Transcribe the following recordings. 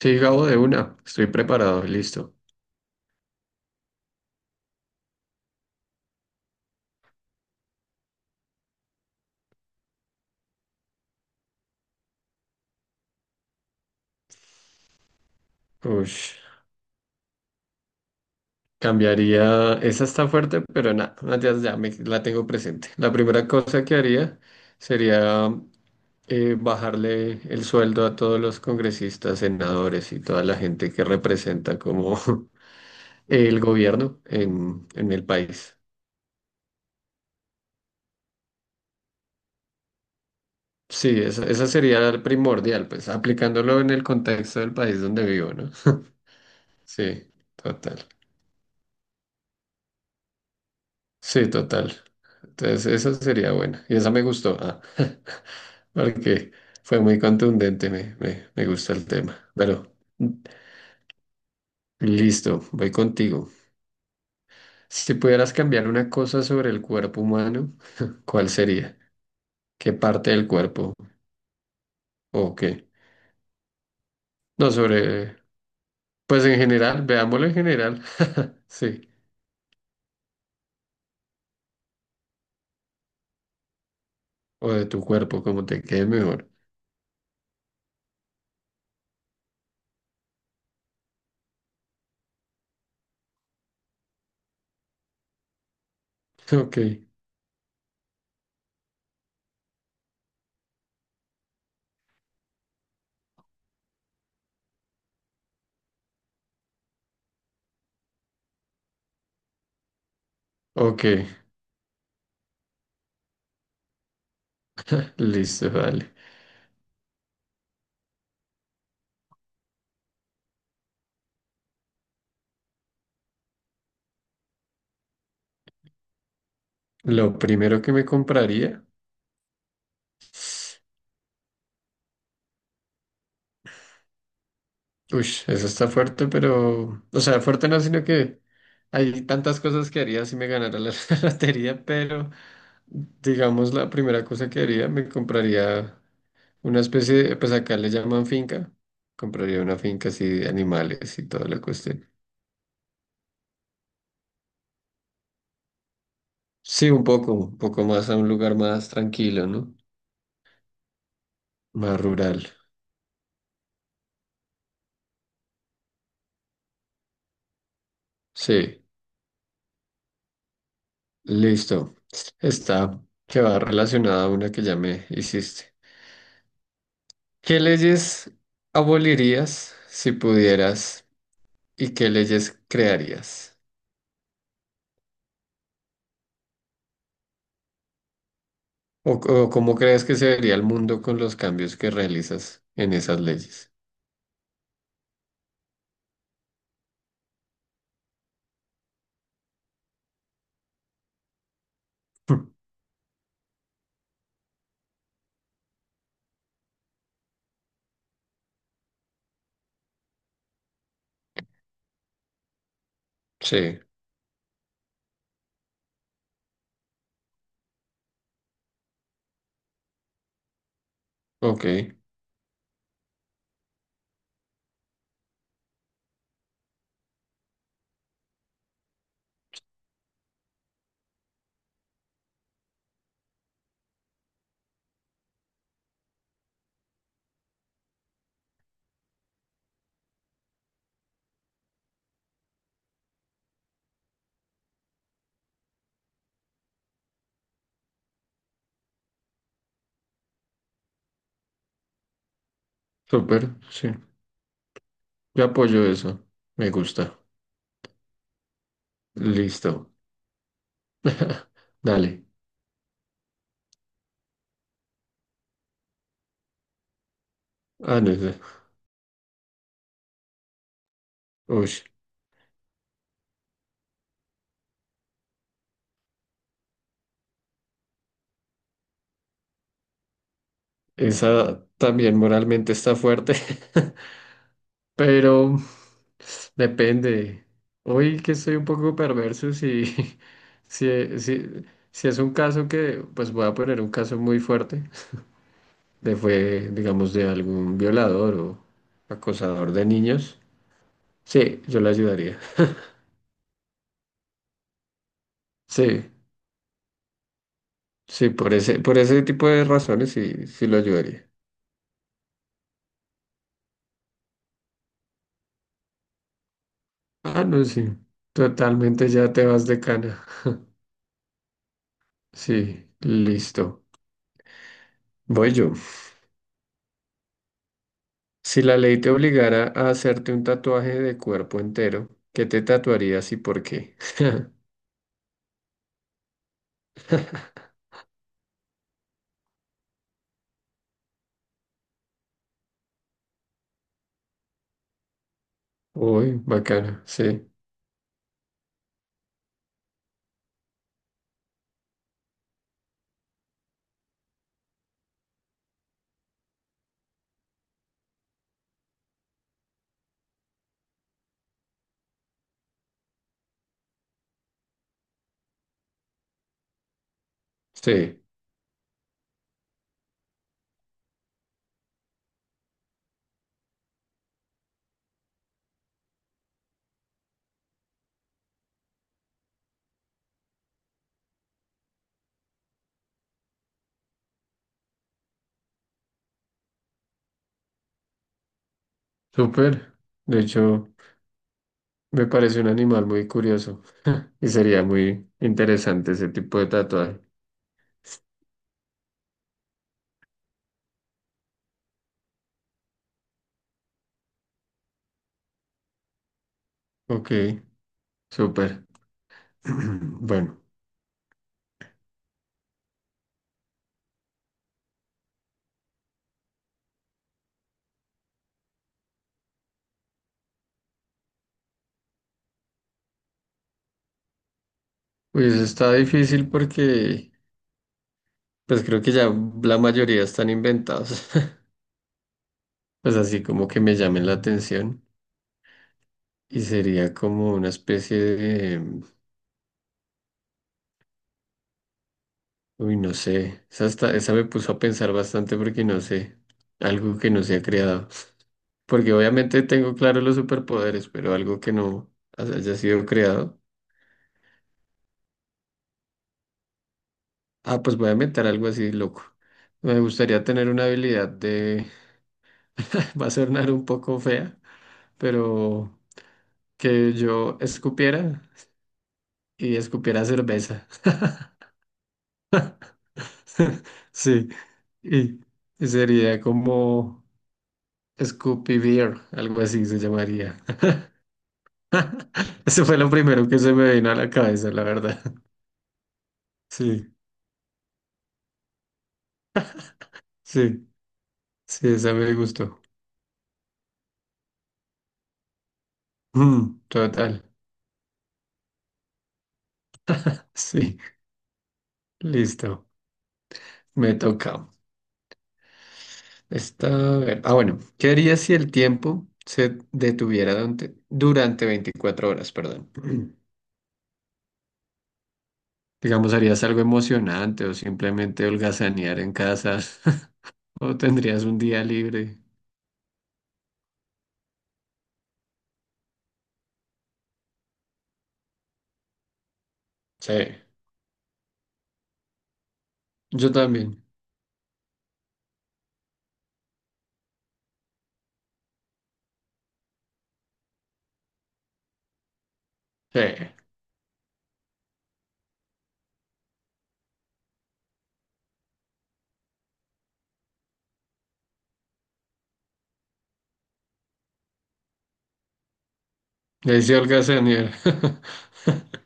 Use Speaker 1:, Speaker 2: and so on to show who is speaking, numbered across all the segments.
Speaker 1: Sí, Gabo, de una. Estoy preparado, listo. Ush. Cambiaría. Esa está fuerte, pero nada, ya me, la tengo presente. La primera cosa que haría sería bajarle el sueldo a todos los congresistas, senadores y toda la gente que representa como el gobierno en el país. Sí, esa sería la primordial, pues aplicándolo en el contexto del país donde vivo, ¿no? Sí, total. Sí, total. Entonces, esa sería buena. Y esa me gustó, ah, porque fue muy contundente, me gusta el tema. Pero listo, voy contigo. Si pudieras cambiar una cosa sobre el cuerpo humano, ¿cuál sería? ¿Qué parte del cuerpo? ¿O qué? No, sobre, pues en general, veámoslo en general. Sí, o de tu cuerpo, como te quede mejor. Ok, ok, listo, vale. Lo primero que me compraría. Uy, eso está fuerte, pero, o sea, fuerte no, sino que hay tantas cosas que haría si me ganara la, lotería, pero digamos la primera cosa que haría, me compraría una especie de, pues acá le llaman finca, compraría una finca así de animales y toda la cuestión. Sí, un poco más a un lugar más tranquilo, ¿no? Más rural. Sí, listo. Está, que va relacionada a una que ya me hiciste. ¿Qué leyes abolirías si pudieras y qué leyes crearías? O cómo crees que se vería el mundo con los cambios que realizas en esas leyes? Hmm. Sí, ok, súper, sí. Yo apoyo eso, me gusta. Listo. Dale. Ah, no, esa. Ush, esa también moralmente está fuerte. Pero depende. Hoy que estoy un poco perverso, si, si, si, si es un caso que, pues voy a poner un caso muy fuerte, de fue, digamos, de algún violador o acosador de niños, sí, yo lo ayudaría. Sí, sí, por ese tipo de razones sí, sí lo ayudaría. Ah, no, sí. Totalmente ya te vas de cana. Sí, listo. Voy yo. Si la ley te obligara a hacerte un tatuaje de cuerpo entero, ¿qué te tatuarías y por qué? Uy, bacana, sí, sí, súper. De hecho, me parece un animal muy curioso y sería muy interesante ese tipo de tatuaje. Ok, súper. Bueno, pues está difícil porque pues creo que ya la mayoría están inventados, pues así como que me llamen la atención y sería como una especie de... Uy, no sé. Esa, hasta- esa me puso a pensar bastante porque no sé. Algo que no se ha creado. Porque obviamente tengo claro los superpoderes, pero algo que no haya sido creado. Ah, pues voy a inventar algo así loco. Me gustaría tener una habilidad de... Va a sonar un poco fea, pero que yo escupiera y escupiera cerveza. Sí. Y y sería como Scoopy Beer, algo así se llamaría. Eso fue lo primero que se me vino a la cabeza, la verdad. Sí, sí, sí, esa me gustó. Mm, total. Sí, listo. Me toca. Esta, a ver. Ah, bueno. ¿Qué harías si el tiempo se detuviera durante 24 horas? Perdón. Digamos, ¿harías algo emocionante o simplemente holgazanear en casa? ¿O tendrías un día libre? Sí, yo también. Sí, le decía holgazanear.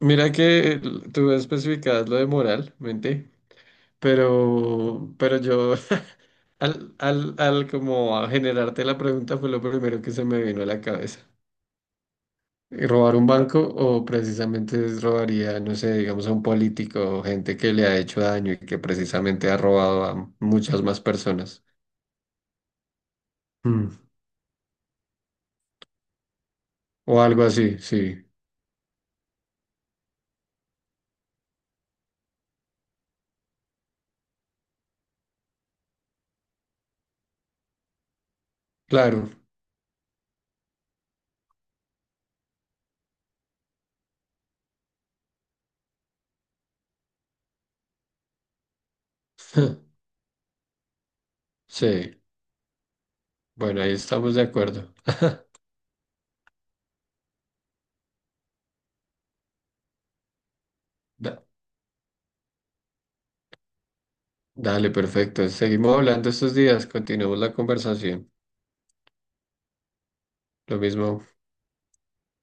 Speaker 1: Mira que tú especificabas lo de moral, mente, pero yo al como a generarte la pregunta fue lo primero que se me vino a la cabeza. ¿Robar un banco o precisamente es robaría, no sé, digamos a un político o gente que le ha hecho daño y que precisamente ha robado a muchas más personas? Mm, o algo así, sí, claro. Sí, bueno, ahí estamos de acuerdo. Da- Dale, perfecto. Seguimos hablando estos días, continuemos la conversación. Lo mismo.